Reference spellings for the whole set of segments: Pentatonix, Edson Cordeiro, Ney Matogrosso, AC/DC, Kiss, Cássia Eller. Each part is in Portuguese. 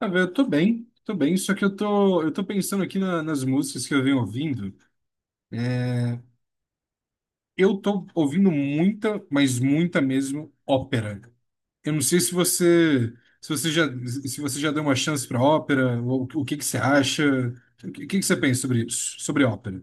Ah, velho, eu tô bem, só que eu tô pensando aqui nas músicas que eu venho ouvindo. É. Eu tô ouvindo muita, mas muita mesmo, ópera. Eu não sei se você já deu uma chance pra ópera, ou o que que você acha, o que que você pensa sobre isso, sobre ópera?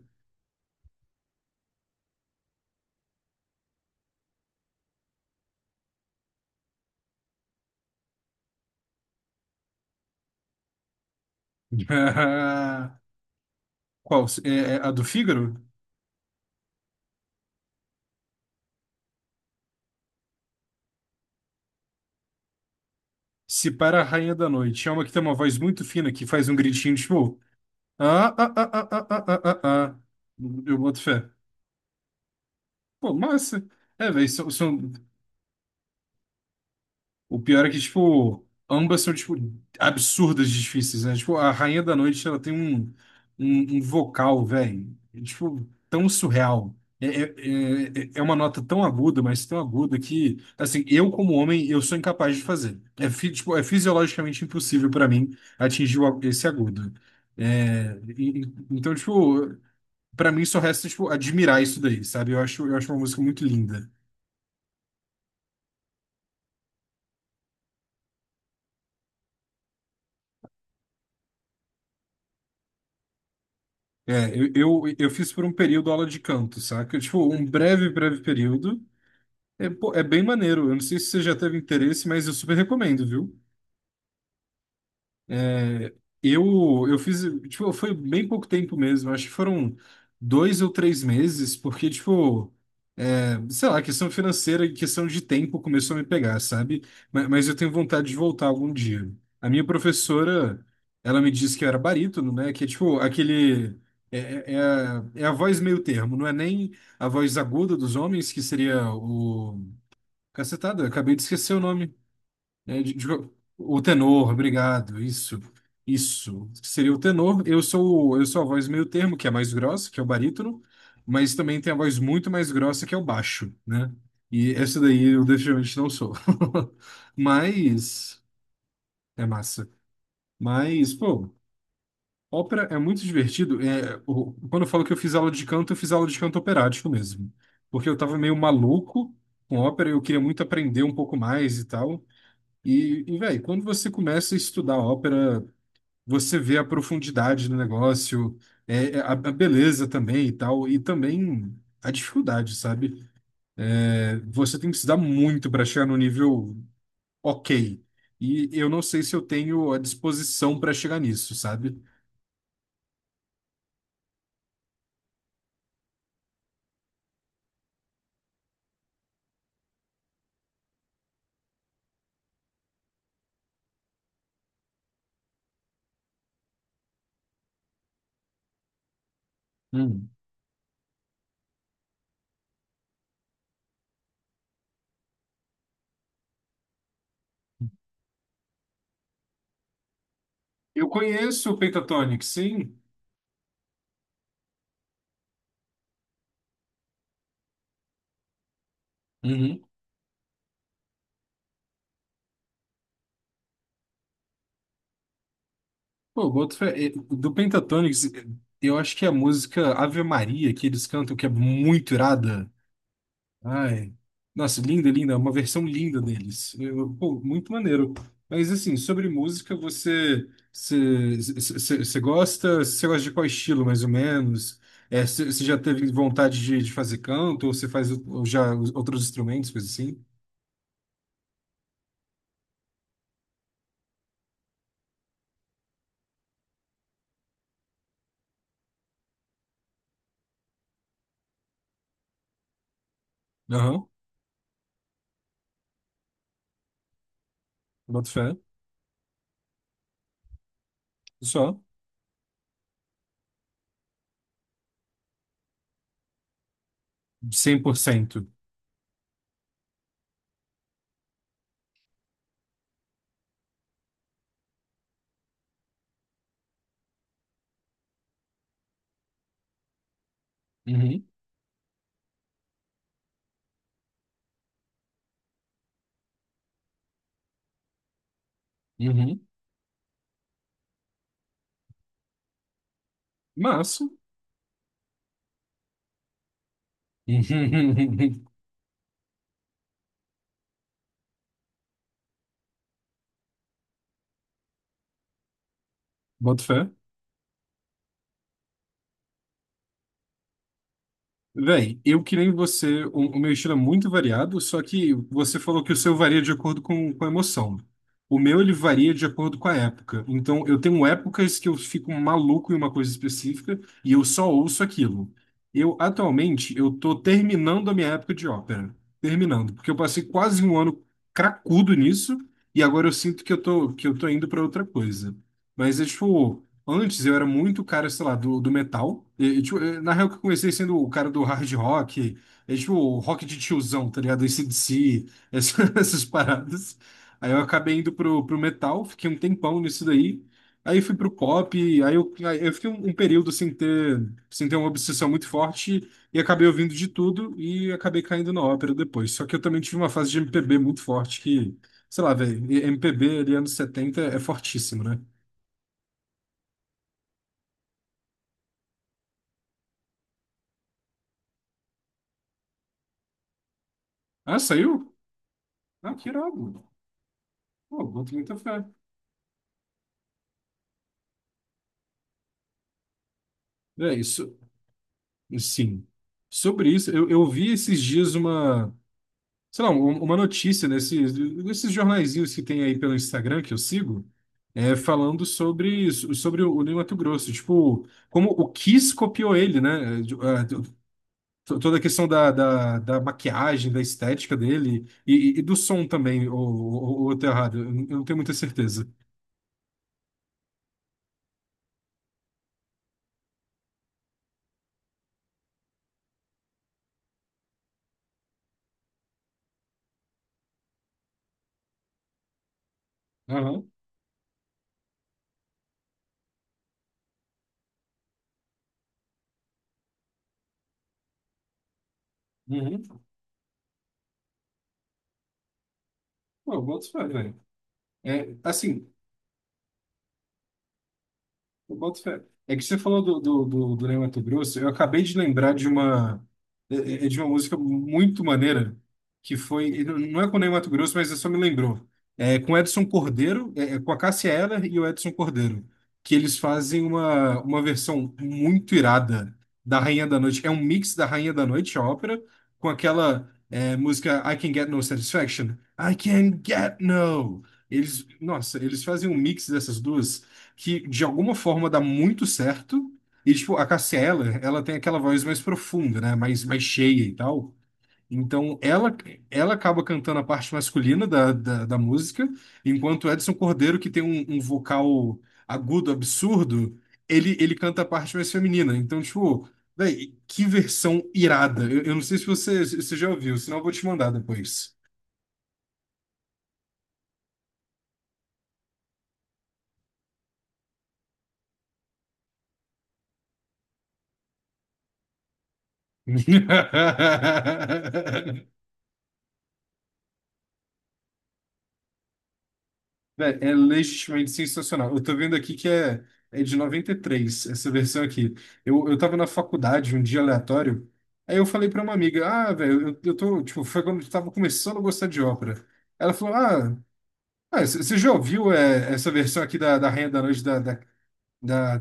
Qual? É a do Fígaro? Se para a Rainha da Noite. É uma que tem uma voz muito fina que faz um gritinho tipo. Ah, ah, ah, ah, ah, ah, ah, ah. ah." Eu boto fé. Pô, massa. É, velho, são. O pior é que, tipo, ambas são, tipo, absurdas de difíceis, né? Tipo, a Rainha da Noite, ela tem um vocal, velho, tipo, tão surreal. É uma nota tão aguda, mas tão aguda que, assim, eu como homem, eu sou incapaz de fazer. É, tipo, é fisiologicamente impossível pra mim atingir esse agudo. É, então, tipo, pra mim só resta, tipo, admirar isso daí, sabe? Eu acho uma música muito linda. É, eu fiz por um período aula de canto, saca? Tipo, um breve, breve período. É, pô, é bem maneiro. Eu não sei se você já teve interesse, mas eu super recomendo, viu? É, eu fiz, tipo, foi bem pouco tempo mesmo. Acho que foram dois ou três meses, porque, tipo. Sei lá, questão financeira e questão de tempo começou a me pegar, sabe? Mas, eu tenho vontade de voltar algum dia. A minha professora, ela me disse que eu era barítono, né? Que é tipo aquele. É a voz meio termo, não é nem a voz aguda dos homens, que seria o. Cacetada, acabei de esquecer o nome. É, o tenor, obrigado. Isso, isso. Seria o tenor. Eu sou a voz meio termo, que é a mais grossa, que é o barítono, mas também tem a voz muito mais grossa, que é o baixo, né? E essa daí eu definitivamente não sou. Mas é massa. Mas, pô, ópera é muito divertido. É, quando eu falo que eu fiz aula de canto, eu fiz aula de canto operático mesmo. Porque eu tava meio maluco com ópera, eu queria muito aprender um pouco mais e tal. E velho, quando você começa a estudar ópera, você vê a profundidade do negócio, a beleza também e tal, e também a dificuldade, sabe? É, você tem que estudar muito para chegar no nível ok. E eu não sei se eu tenho a disposição para chegar nisso, sabe? Hum. Eu conheço o Pentatonix, sim. Uhum. Pô, boto fé. Do Pentatonix, eu acho que é a música Ave Maria que eles cantam, que é muito irada. Ai, nossa, linda, linda, uma versão linda deles. Pô, muito maneiro. Mas assim, sobre música, você gosta, você gosta, de qual estilo, mais ou menos? É, você já teve vontade de fazer canto, ou você faz ou já os outros instrumentos, coisas assim? Aham, boto fé. Só, 100%. Uhum, uhum. Massa. Boto fé. Véi, eu que nem você, o meu estilo é muito variado, só que você falou que o seu varia de acordo com a emoção. O meu, ele varia de acordo com a época. Então, eu tenho épocas que eu fico maluco em uma coisa específica e eu só ouço aquilo. Eu, atualmente, eu tô terminando a minha época de ópera. Terminando, porque eu passei quase um ano cracudo nisso e agora eu sinto que que eu tô indo para outra coisa. Mas é tipo, antes eu era muito cara, sei lá, do metal. E, tipo, na real que eu comecei sendo o cara do hard rock, é tipo o rock de tiozão, tá ligado? AC/DC, essas paradas. Aí eu acabei indo pro metal, fiquei um tempão nisso daí. Aí fui pro pop, aí eu fiquei um período sem ter uma obsessão muito forte e acabei ouvindo de tudo e acabei caindo na ópera depois. Só que eu também tive uma fase de MPB muito forte que, sei lá, velho, MPB ali anos 70 é fortíssimo, né? Ah, saiu? Ah, que irado. Pô, boto muita fé. É isso. Sim. Sobre isso, eu vi esses dias sei lá, uma notícia nesses jornaizinhos que tem aí pelo Instagram que eu sigo, é, falando sobre o Ney Mato Grosso. Tipo, como o Kiss copiou ele, né? Toda a questão da maquiagem, da estética dele e do som também, ou eu tô errado, eu não tenho muita certeza. Aham. Uhum. Pô, eu boto fé, velho. É, assim. Eu boto fé. É que você falou do Ney Matogrosso, eu acabei de lembrar de uma, é de uma música muito maneira, que foi, e não é com o Ney Matogrosso, mas só me lembrou. É com o Edson Cordeiro, é com a Cássia Eller e o Edson Cordeiro, que eles fazem uma versão muito irada da Rainha da Noite. É um mix da Rainha da Noite, a ópera, com aquela música I Can Get No Satisfaction. I Can Get No. Eles, nossa, eles fazem um mix dessas duas que de alguma forma dá muito certo. E, tipo, a Cássia Eller, ela tem aquela voz mais profunda, né? Mais cheia e tal. Então, ela acaba cantando a parte masculina da música, enquanto o Edson Cordeiro, que tem um vocal agudo, absurdo, ele canta a parte mais feminina. Então, tipo, véi, que versão irada. Eu não sei se você já ouviu, senão eu vou te mandar depois. Vé, é legitimamente sensacional. Eu tô vendo aqui que é de 93 essa versão aqui. Eu tava na faculdade um dia aleatório, aí eu falei pra uma amiga, ah, velho, eu tô, tipo, foi quando eu tava começando a gostar de ópera. Ela falou, ah, você já ouviu essa versão aqui da Rainha da Noite da,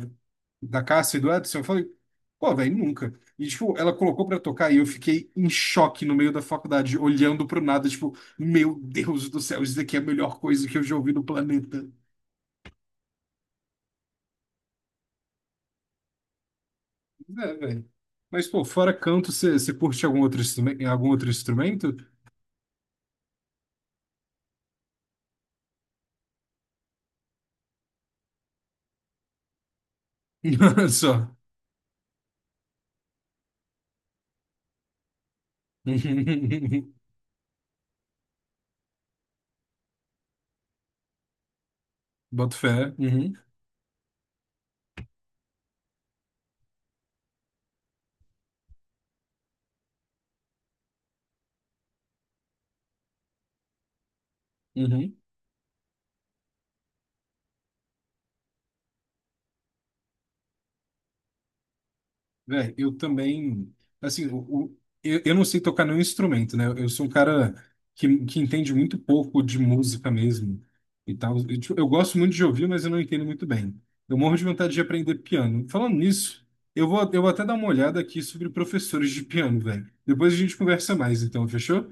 da Cássia e do Edson? Eu falei, pô, velho, nunca. E, tipo, ela colocou pra tocar e eu fiquei em choque no meio da faculdade, olhando pro nada, tipo, meu Deus do céu, isso daqui é a melhor coisa que eu já ouvi no planeta. É, velho. Mas, pô, fora canto, você curte algum outro instrumento? Algum outro instrumento? Só. Boto fé. Uhum, uhum. Velho, eu também. Assim, o- eu não sei tocar nenhum instrumento, né? Eu sou um cara que entende muito pouco de música mesmo e tal. Eu, tipo, eu gosto muito de ouvir, mas eu não entendo muito bem. Eu morro de vontade de aprender piano. Falando nisso, eu vou até dar uma olhada aqui sobre professores de piano, velho. Depois a gente conversa mais, então, fechou?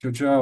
Tchau, tchau.